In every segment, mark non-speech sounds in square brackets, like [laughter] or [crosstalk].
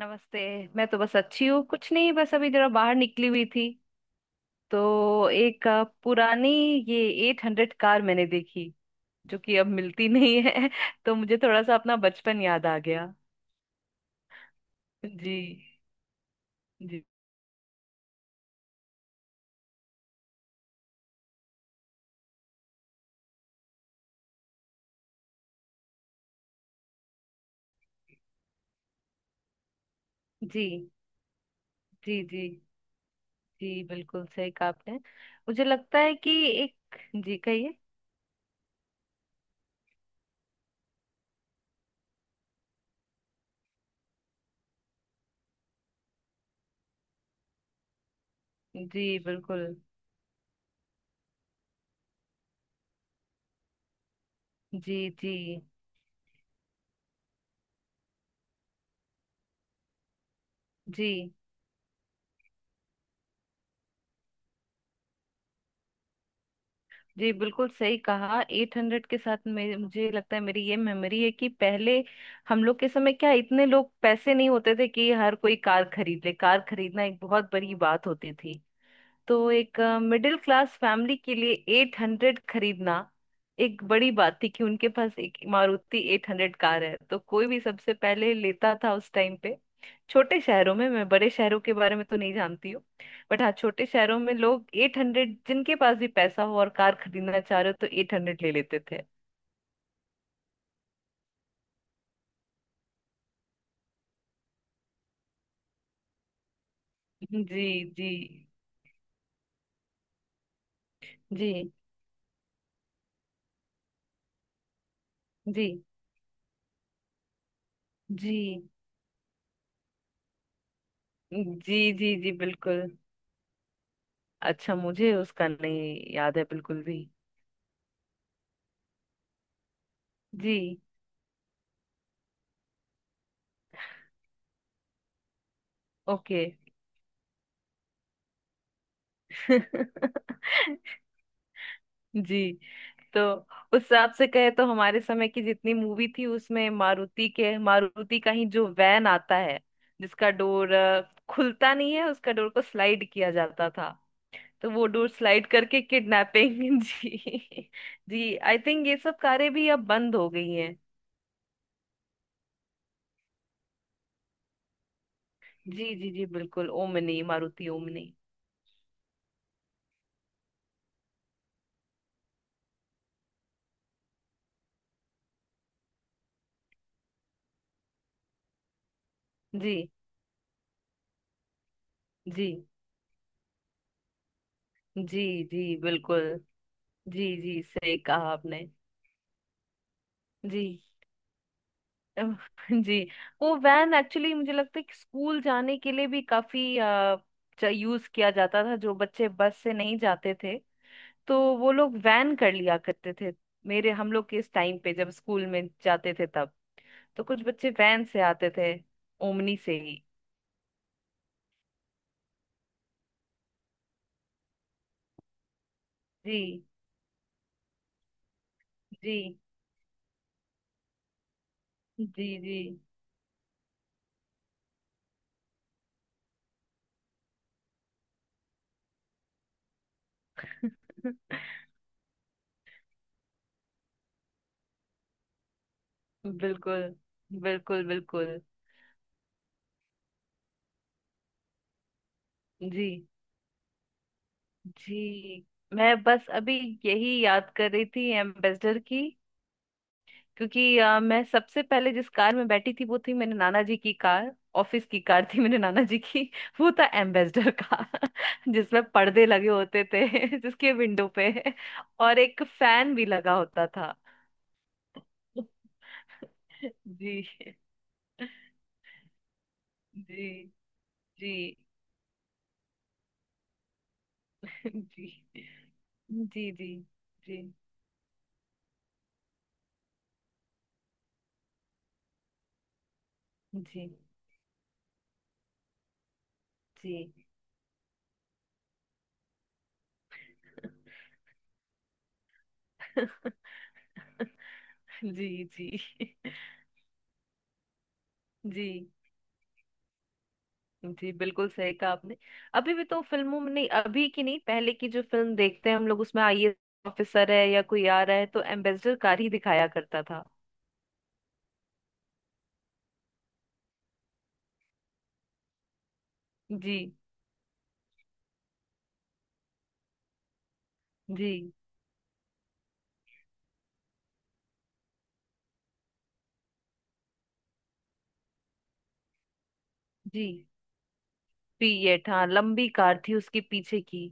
नमस्ते। मैं तो बस अच्छी हूँ, कुछ नहीं, बस अभी जरा बाहर निकली हुई थी। तो एक पुरानी ये एट हंड्रेड कार मैंने देखी जो कि अब मिलती नहीं है [laughs] तो मुझे थोड़ा सा अपना बचपन याद आ गया। जी। जी जी। जी जी। जी बिल्कुल सही कहा आपने। मुझे लगता है कि एक। जी कहिए। जी बिल्कुल। जी जी। जी जी बिल्कुल सही कहा। 800 के साथ मे मुझे लगता है मेरी ये मेमोरी है कि पहले हम लोग के समय क्या इतने लोग पैसे नहीं होते थे कि हर कोई कार खरीद ले। कार खरीदना एक बहुत बड़ी बात होती थी। तो एक मिडिल क्लास फैमिली के लिए एट हंड्रेड खरीदना एक बड़ी बात थी कि उनके पास एक मारुति एट हंड्रेड कार है। तो कोई भी सबसे पहले लेता था उस टाइम पे। छोटे शहरों में, मैं बड़े शहरों के बारे में तो नहीं जानती हूँ। बट हाँ, छोटे शहरों में लोग एट हंड्रेड, जिनके पास भी पैसा हो और कार खरीदना चाह रहे हो तो एट हंड्रेड ले लेते थे। जी जी जी। जी जी जी जी जी बिल्कुल। अच्छा, मुझे उसका नहीं याद है बिल्कुल भी। जी। ओके। [laughs] जी। तो उस हिसाब से कहे तो हमारे समय की जितनी मूवी थी उसमें मारुति के, मारुति का ही जो वैन आता है, जिसका डोर खुलता नहीं है, उसका डोर को स्लाइड किया जाता था। तो वो डोर स्लाइड करके किडनैपिंग [laughs] जी जी। आई थिंक ये सब कारें भी अब बंद हो गई हैं। जी जी जी बिल्कुल। Omni, Maruti Omni. जी जी जी जी बिल्कुल। जी जी सही कहा आपने। जी। अम, [laughs] जी। वो वैन एक्चुअली मुझे लगता है कि स्कूल जाने के लिए भी काफी यूज किया जाता था। जो बच्चे बस से नहीं जाते थे तो वो लोग वैन कर लिया करते थे। मेरे, हम लोग के इस टाइम पे जब स्कूल में जाते थे तब, तो कुछ बच्चे वैन से आते थे, ओमनी से ही। जी जी जी जी [laughs] बिल्कुल, बिल्कुल, बिल्कुल। जी जी। मैं बस अभी यही याद कर रही थी एम्बेसडर की। क्योंकि मैं सबसे पहले जिस कार में बैठी थी वो थी मेरे नाना जी की कार। ऑफिस की कार थी मेरे नाना जी की [laughs] वो था एम्बेसडर का [laughs] जिसमें पर्दे लगे होते थे [laughs] जिसके विंडो पे, और एक फैन भी लगा होता था। [laughs] जी जी जी। [laughs] जी जी जी जी जी जी। [laughs] जी जी। [laughs] जी जी बिल्कुल सही कहा आपने। अभी भी तो फिल्मों में, नहीं अभी की नहीं, पहले की जो फिल्म देखते हैं हम लोग उसमें आईएएस ऑफिसर है या कोई आ रहा है तो एम्बेसडर कार ही दिखाया करता था। जी जी जी। पीएट, हाँ लंबी कार थी उसके पीछे की।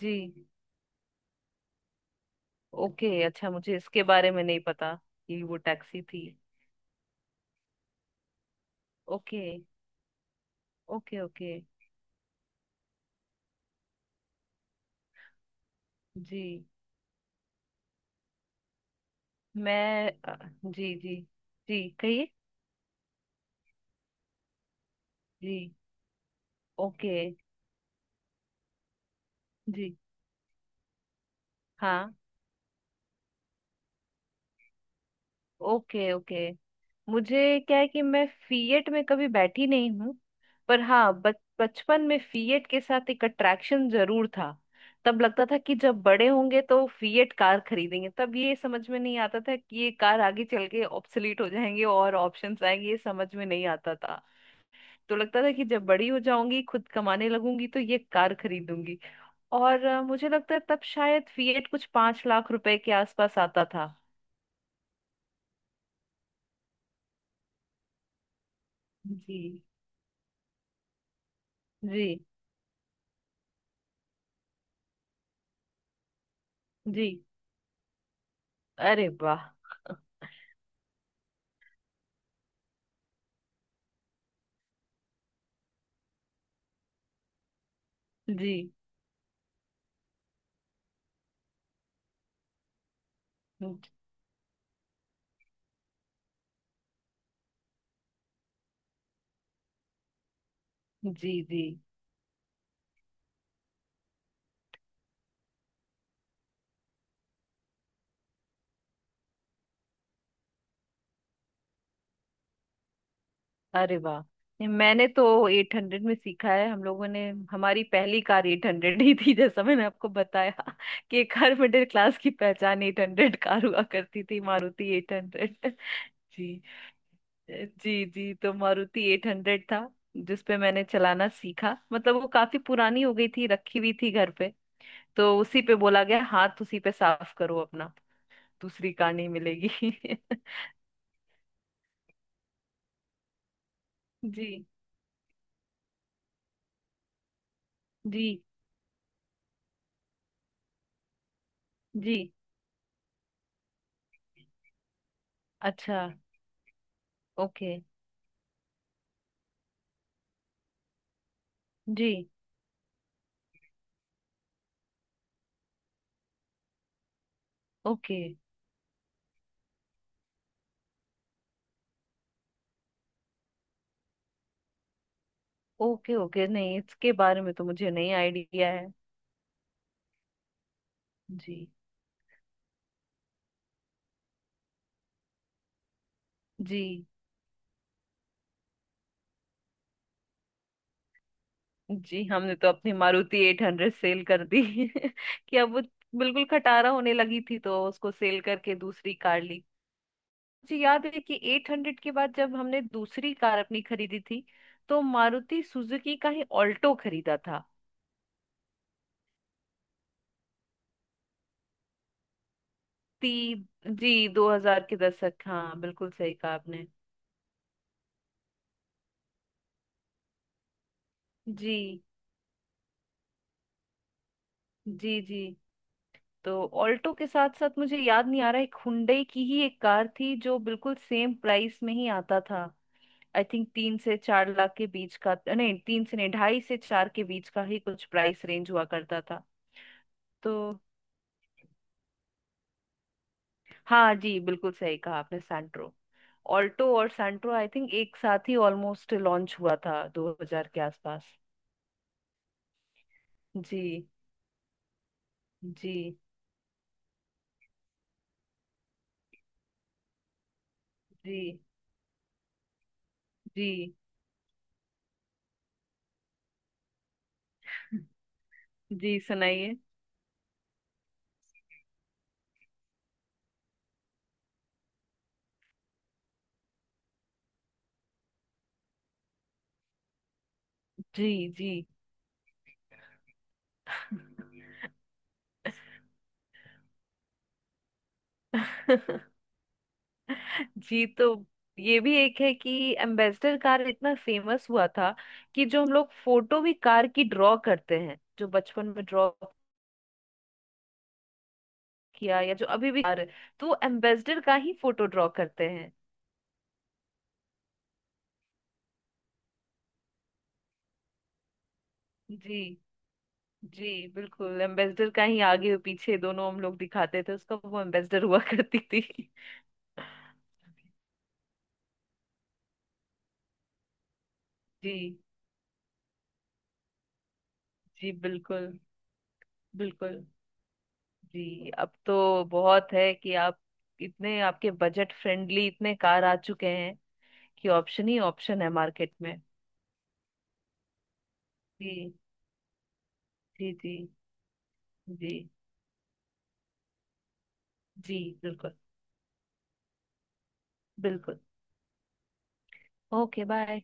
जी, ओके। अच्छा, मुझे इसके बारे में नहीं पता कि वो टैक्सी थी। Okay okay okay. जी। मैं जी जी। जी कहिए। जी ओके। जी हाँ। Okay okay. मुझे क्या है कि मैं फीएट में कभी बैठी नहीं हूँ। पर हाँ बच बचपन में फीएट के साथ एक अट्रैक्शन जरूर था। तब लगता था कि जब बड़े होंगे तो फीएट कार खरीदेंगे। तब ये समझ में नहीं आता था कि ये कार आगे चल के ऑब्सोलीट हो जाएंगे और ऑप्शंस आएंगे, ये समझ में नहीं आता था। तो लगता था कि जब बड़ी हो जाऊंगी, खुद कमाने लगूंगी तो ये कार खरीदूंगी। और मुझे लगता है तब शायद फीएट कुछ 5 लाख रुपए के आसपास आता था। जी जी जी। अरे वाह। जी। हम्म, जी जी। अरे वाह, ये मैंने तो एट हंड्रेड में सीखा है। हम लोगों ने हमारी पहली कार एट हंड्रेड ही थी, जैसा मैंने आपको बताया [laughs] कि एक हर मिडिल क्लास की पहचान एट हंड्रेड कार हुआ करती थी, मारुति एट हंड्रेड। जी जी जी। तो मारुति एट हंड्रेड था जिसपे मैंने चलाना सीखा। मतलब वो काफी पुरानी हो गई थी, रखी हुई थी घर पे। तो उसी पे बोला गया हाथ उसी पे साफ करो अपना, दूसरी कार नहीं मिलेगी [laughs] जी जी जी। अच्छा। ओके। जी। Okay okay. ओके, नहीं इसके बारे में तो मुझे नहीं आइडिया है। जी जी जी। हमने तो अपनी मारुति एट हंड्रेड सेल कर दी [laughs] कि अब वो बिल्कुल खटारा होने लगी थी, तो उसको सेल करके दूसरी कार ली। मुझे याद है कि एट हंड्रेड के बाद जब हमने दूसरी कार अपनी खरीदी थी तो मारुति सुजुकी का ही ऑल्टो खरीदा था। ती जी, दो हजार के दशक, हाँ बिल्कुल सही कहा आपने। जी जी जी। तो ऑल्टो के साथ साथ, मुझे याद नहीं आ रहा, एक हुंडई की ही एक कार थी जो बिल्कुल सेम प्राइस में ही आता था। आई थिंक 3 से 4 लाख के बीच का, नहीं तीन से नहीं, ढाई से चार के बीच का ही कुछ प्राइस रेंज हुआ करता था। तो हाँ जी बिल्कुल सही कहा आपने, सैंट्रो। ऑल्टो और सैंट्रो आई थिंक एक साथ ही ऑलमोस्ट लॉन्च हुआ था 2000 के आसपास। जी जी जी जी। [laughs] जी सुनाइए। जी जी [laughs] जी। तो ये भी एक है कि एम्बेसडर कार इतना फेमस हुआ था कि जो हम लोग फोटो भी कार की ड्रॉ करते हैं, जो बचपन में ड्रॉ किया, या जो अभी भी कार, तो एम्बेसडर का ही फोटो ड्रॉ करते हैं। जी जी बिल्कुल। एम्बेसडर का ही आगे और पीछे दोनों हम लोग दिखाते थे, उसका वो एम्बेसडर हुआ करती थी [laughs] जी जी बिल्कुल। बिल्कुल। जी अब तो बहुत है कि आप, इतने आपके बजट फ्रेंडली इतने कार आ चुके हैं कि ऑप्शन ही ऑप्शन है मार्केट में। जी जी जी जी। जी बिल्कुल बिल्कुल। Okay bye.